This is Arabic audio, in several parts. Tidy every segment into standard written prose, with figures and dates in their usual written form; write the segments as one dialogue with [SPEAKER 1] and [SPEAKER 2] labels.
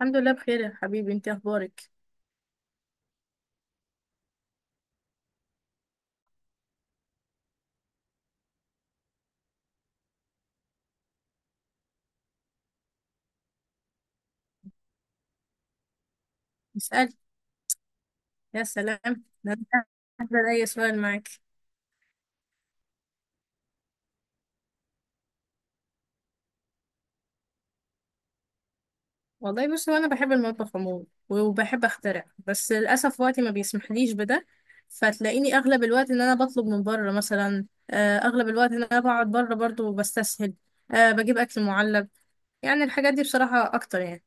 [SPEAKER 1] الحمد لله بخير يا حبيبي، انت اخبارك؟ اسألي. يا سلام، ده انا هقدر اي سؤال معاك. والله بصي، وانا بحب المطبخ عموما وبحب اخترع، بس للاسف وقتي ما بيسمحليش بده. فتلاقيني اغلب الوقت ان انا بطلب من بره مثلا، اغلب الوقت ان انا بقعد بره برضو بستسهل. أه بجيب اكل معلب. يعني الحاجات دي بصراحة اكتر يعني.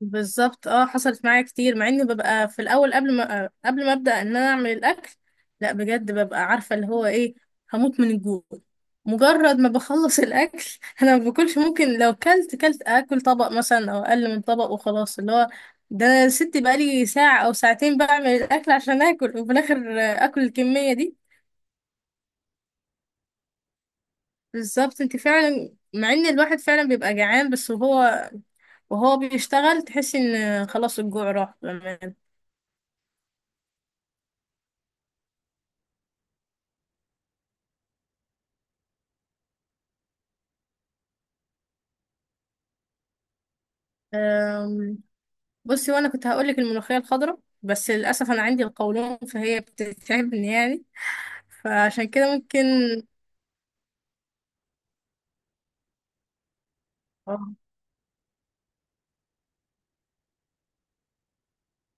[SPEAKER 1] بالظبط اه، حصلت معايا كتير، مع اني ببقى في الاول قبل ما ابدا ان انا اعمل الاكل. لا بجد ببقى عارفه اللي هو ايه، هموت من الجوع. مجرد ما بخلص الاكل انا ما باكلش. ممكن لو كلت، كلت اكل طبق مثلا او اقل من طبق وخلاص، اللي هو ده انا يا ستي بقالي ساعه او ساعتين بعمل الاكل عشان اكل، وفي الاخر اكل الكميه دي. بالظبط انت فعلا، مع ان الواحد فعلا بيبقى جعان، بس وهو وهو بيشتغل تحسي ان خلاص الجوع راح. أم، بصي وانا كنت هقولك الملوخية الخضراء، بس للأسف أنا عندي القولون، فهي بتتعبني يعني. فعشان كده ممكن اه،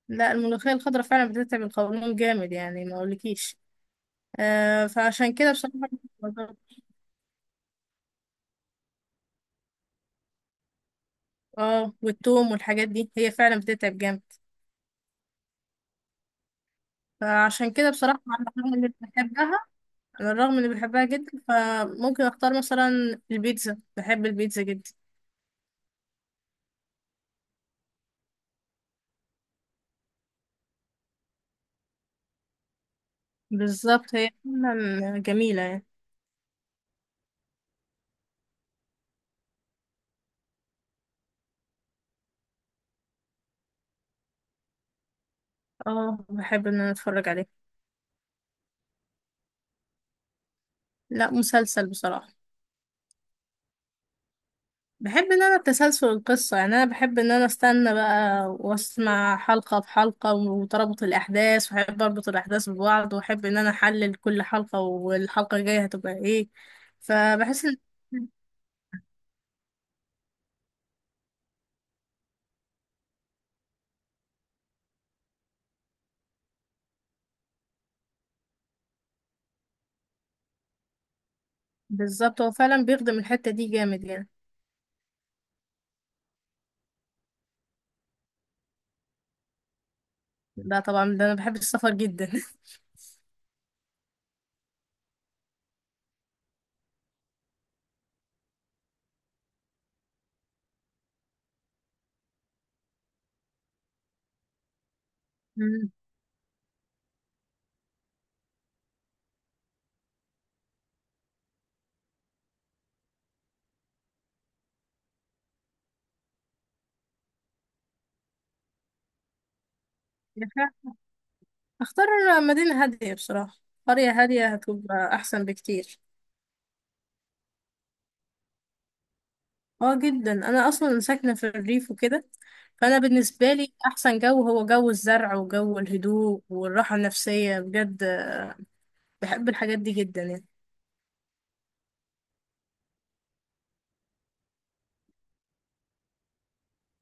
[SPEAKER 1] لا الملوخية الخضراء فعلا بتتعب القولون جامد يعني ما أقولكيش. أه فعشان كده بصراحة اه، والثوم والحاجات دي هي فعلا بتتعب جامد. فعشان كده بصراحة على الرغم إني بحبها، على الرغم إني بحبها جدا، فممكن أختار مثلا البيتزا، بحب البيتزا جدا. بالظبط هي فعلا جميلة يعني. اه بحب إن أنا أتفرج عليها. لا مسلسل بصراحة. بحب ان انا تسلسل القصة، يعني انا بحب ان انا استنى بقى واسمع حلقة بحلقة وتربط الاحداث، واحب اربط الاحداث ببعض، واحب ان انا احلل كل حلقة والحلقة الجاية هتبقى ايه. فبحس ان بالظبط هو فعلا بيخدم الحتة دي جامد يعني. ده طبعا، ده انا بحب السفر جدا مم. اختار مدينة هادية بصراحة. قرية هادية هتبقى احسن بكتير. اه جدا، انا اصلا ساكنه في الريف وكده. فانا بالنسبه لي احسن جو هو جو الزرع وجو الهدوء والراحه النفسيه بجد. بحب الحاجات دي جدا يعني.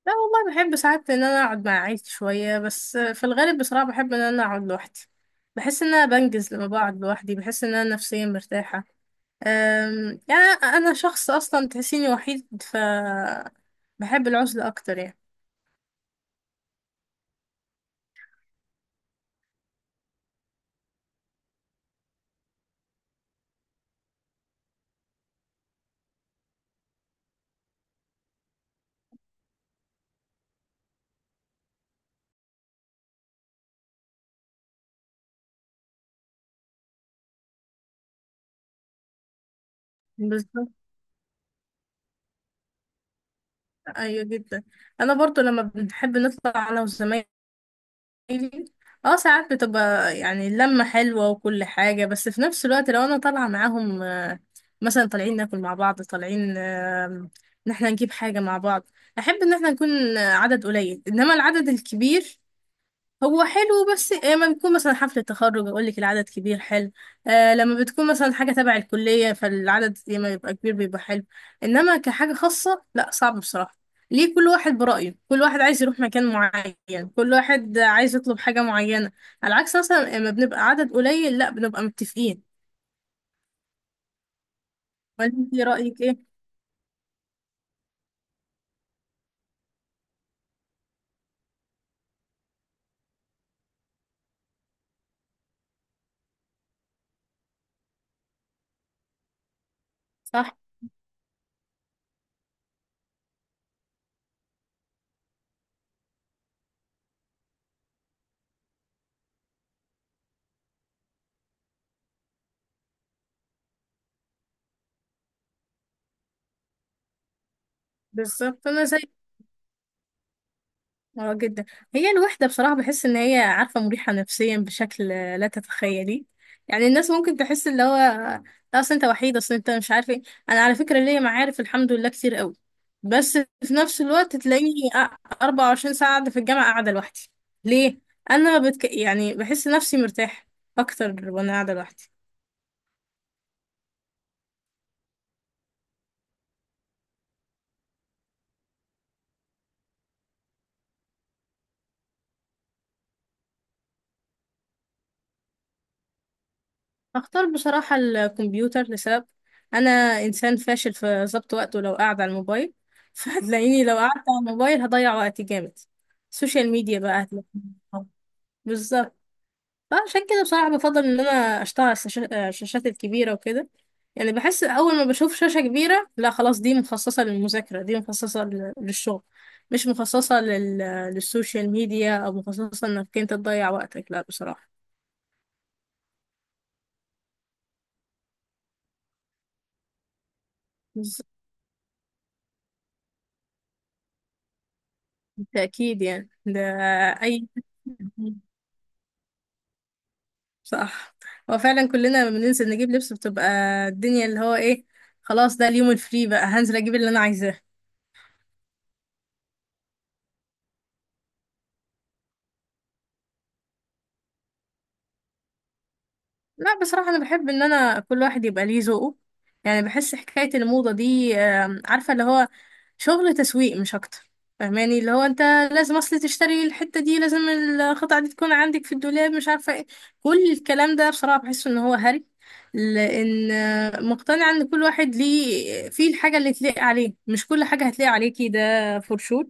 [SPEAKER 1] لا والله بحب ساعات ان انا اقعد مع عيلتي شويه، بس في الغالب بصراحه بحب ان انا اقعد لوحدي. بحس ان انا بنجز لما بقعد لوحدي، بحس ان انا نفسيا مرتاحه. يعني انا شخص اصلا تحسيني وحيد، ف بحب العزله اكتر يعني. بالظبط. ايوه جدا. انا برضو لما بنحب نطلع انا وزمايلي، اه ساعات بتبقى يعني اللمة حلوة وكل حاجة، بس في نفس الوقت لو انا طالعة معاهم، مثلا طالعين ناكل مع بعض، طالعين ان احنا نجيب حاجة مع بعض، احب ان احنا نكون عدد قليل. انما العدد الكبير هو حلو، بس لما بتكون مثلا حفلة تخرج اقول لك العدد كبير حلو. آه لما بتكون مثلا حاجة تبع الكلية، فالعدد لما يبقى كبير بيبقى حلو. انما كحاجة خاصة لا، صعب بصراحة. ليه؟ كل واحد برأيه، كل واحد عايز يروح مكان معين، كل واحد عايز يطلب حاجة معينة. على العكس مثلا لما بنبقى عدد قليل، لا بنبقى متفقين. وانت رأيك ايه؟ صح. بالظبط. انا زي، اه جدا. هي الوحدة بصراحة بحس ان هي عارفة مريحة نفسيا بشكل لا تتخيلي. يعني الناس ممكن تحس اللي هو لا، اصل انت وحيد، اصل انت مش عارف ايه. انا على فكرة ليا معارف الحمد لله كتير قوي، بس في نفس الوقت تلاقيني 24 ساعة قاعدة في الجامعة، قاعدة لوحدي. ليه؟ يعني بحس نفسي مرتاحة اكتر وانا قاعدة لوحدي. هختار بصراحة الكمبيوتر لسبب. أنا إنسان فاشل في ضبط وقته لو قاعد على الموبايل فهتلاقيني لو قعدت على الموبايل هضيع وقتي جامد. السوشيال ميديا بقى هتلاقيني. بالظبط. فعشان كده بصراحة بفضل إن أنا أشتغل على الشاشات الكبيرة وكده. يعني بحس أول ما بشوف شاشة كبيرة، لا خلاص دي مخصصة للمذاكرة، دي مخصصة للشغل، مش مخصصة لل... للسوشيال ميديا، أو مخصصة إنك أنت تضيع وقتك لا بصراحة. بالتأكيد يعني ده. أي، صح. هو فعلا كلنا لما بننزل نجيب لبس بتبقى الدنيا اللي هو ايه، خلاص ده اليوم الفري بقى، هنزل اجيب اللي انا عايزاه. لا بصراحة أنا بحب إن أنا، كل واحد يبقى ليه ذوقه. يعني بحس حكاية الموضة دي، عارفة اللي هو شغل تسويق مش أكتر. فاهماني اللي هو أنت لازم، أصل تشتري الحتة دي، لازم القطعة دي تكون عندك في الدولاب، مش عارفة إيه. كل الكلام ده بصراحة بحس إن هو هري. لأن مقتنعة إن كل واحد ليه فيه الحاجة اللي تليق عليه، مش كل حاجة هتليق عليكي ده فور شور.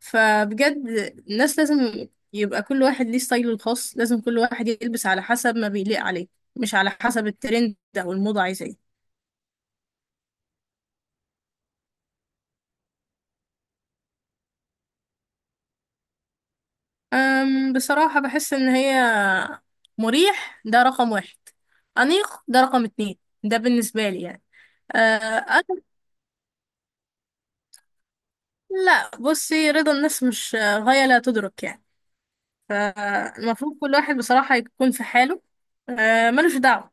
[SPEAKER 1] فبجد الناس لازم يبقى كل واحد ليه ستايله الخاص، لازم كل واحد يلبس على حسب ما بيليق عليه، مش على حسب الترند او الموضة عايزة ايه. بصراحة بحس ان هي، مريح ده رقم واحد، أنيق ده رقم اتنين، ده بالنسبة لي يعني. أه، أنا، لا بصي رضا الناس مش غاية لا تدرك يعني. فالمفروض كل واحد بصراحة يكون في حاله، ملوش دعوة.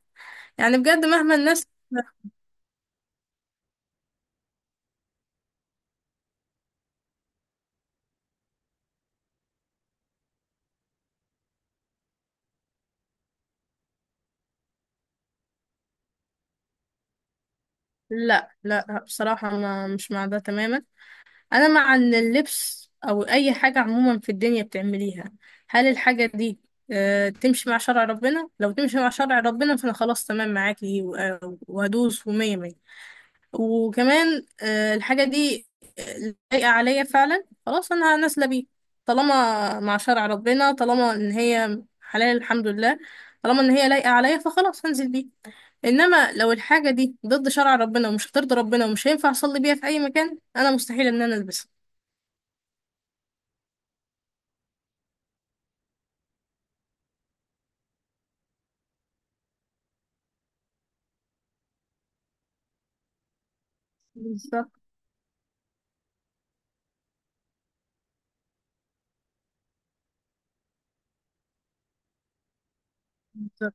[SPEAKER 1] يعني بجد مهما الناس، لا لا بصراحة أنا مش مع ده تماما. انا مع إن اللبس او اي حاجة عموما في الدنيا بتعمليها، هل الحاجة دي تمشي مع شرع ربنا؟ لو تمشي مع شرع ربنا فانا خلاص تمام معاكي، وهدوس ومية مية. وكمان الحاجة دي لايقة عليا فعلا، خلاص انا نازلة بيه. طالما مع شرع ربنا، طالما ان هي حلال الحمد لله، طالما ان هي لايقة عليا، فخلاص هنزل بيه. انما لو الحاجة دي ضد شرع ربنا ومش هترضي ربنا ومش هينفع اصلي بيها في اي مكان، انا مستحيل ان انا البسها. بالظبط. بالظبط.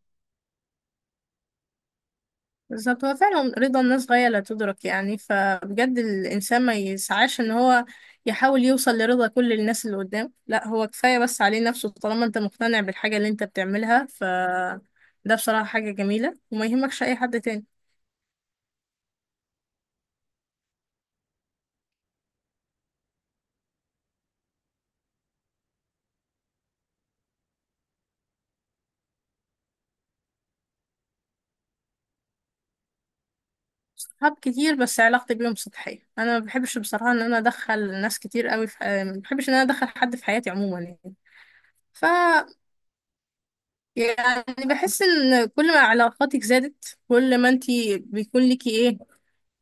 [SPEAKER 1] بالظبط هو فعلا رضا الناس غاية لا تدرك يعني. فبجد الإنسان ما يسعاش إن هو يحاول يوصل لرضا كل الناس اللي قدام، لا هو كفاية بس عليه نفسه. طالما أنت مقتنع بالحاجة اللي أنت بتعملها، ف ده بصراحة حاجة جميلة وما يهمكش أي حد تاني. صحاب كتير بس علاقتي بيهم سطحية. أنا ما بحبش بصراحة إن أنا أدخل ناس كتير قوي في، ما بحبش إن أنا أدخل حد في حياتي عموما يعني. ف يعني بحس إن كل ما علاقاتك زادت كل ما أنتي بيكون ليكي إيه،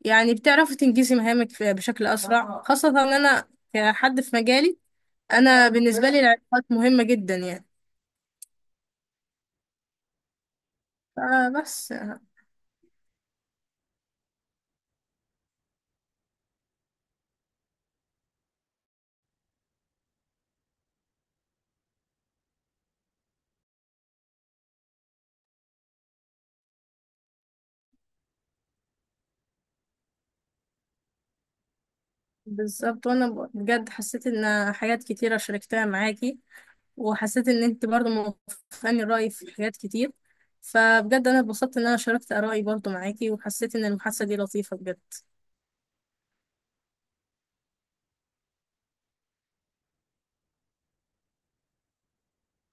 [SPEAKER 1] يعني بتعرفي تنجزي مهامك بشكل أسرع. خاصة إن أنا كحد في مجالي، أنا بالنسبة لي العلاقات مهمة جدا يعني. فبس. بالظبط. وأنا بجد حسيت إن حاجات كتيرة شاركتها معاكي، وحسيت إن أنت برضو موافقاني الرأي في حاجات كتير. فبجد أنا اتبسطت إن أنا شاركت آرائي برضو معاكي، وحسيت إن المحادثة دي لطيفة بجد.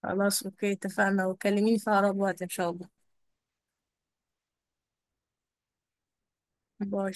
[SPEAKER 1] خلاص أوكي اتفقنا، وكلميني في أقرب وقت إن شاء الله. باي.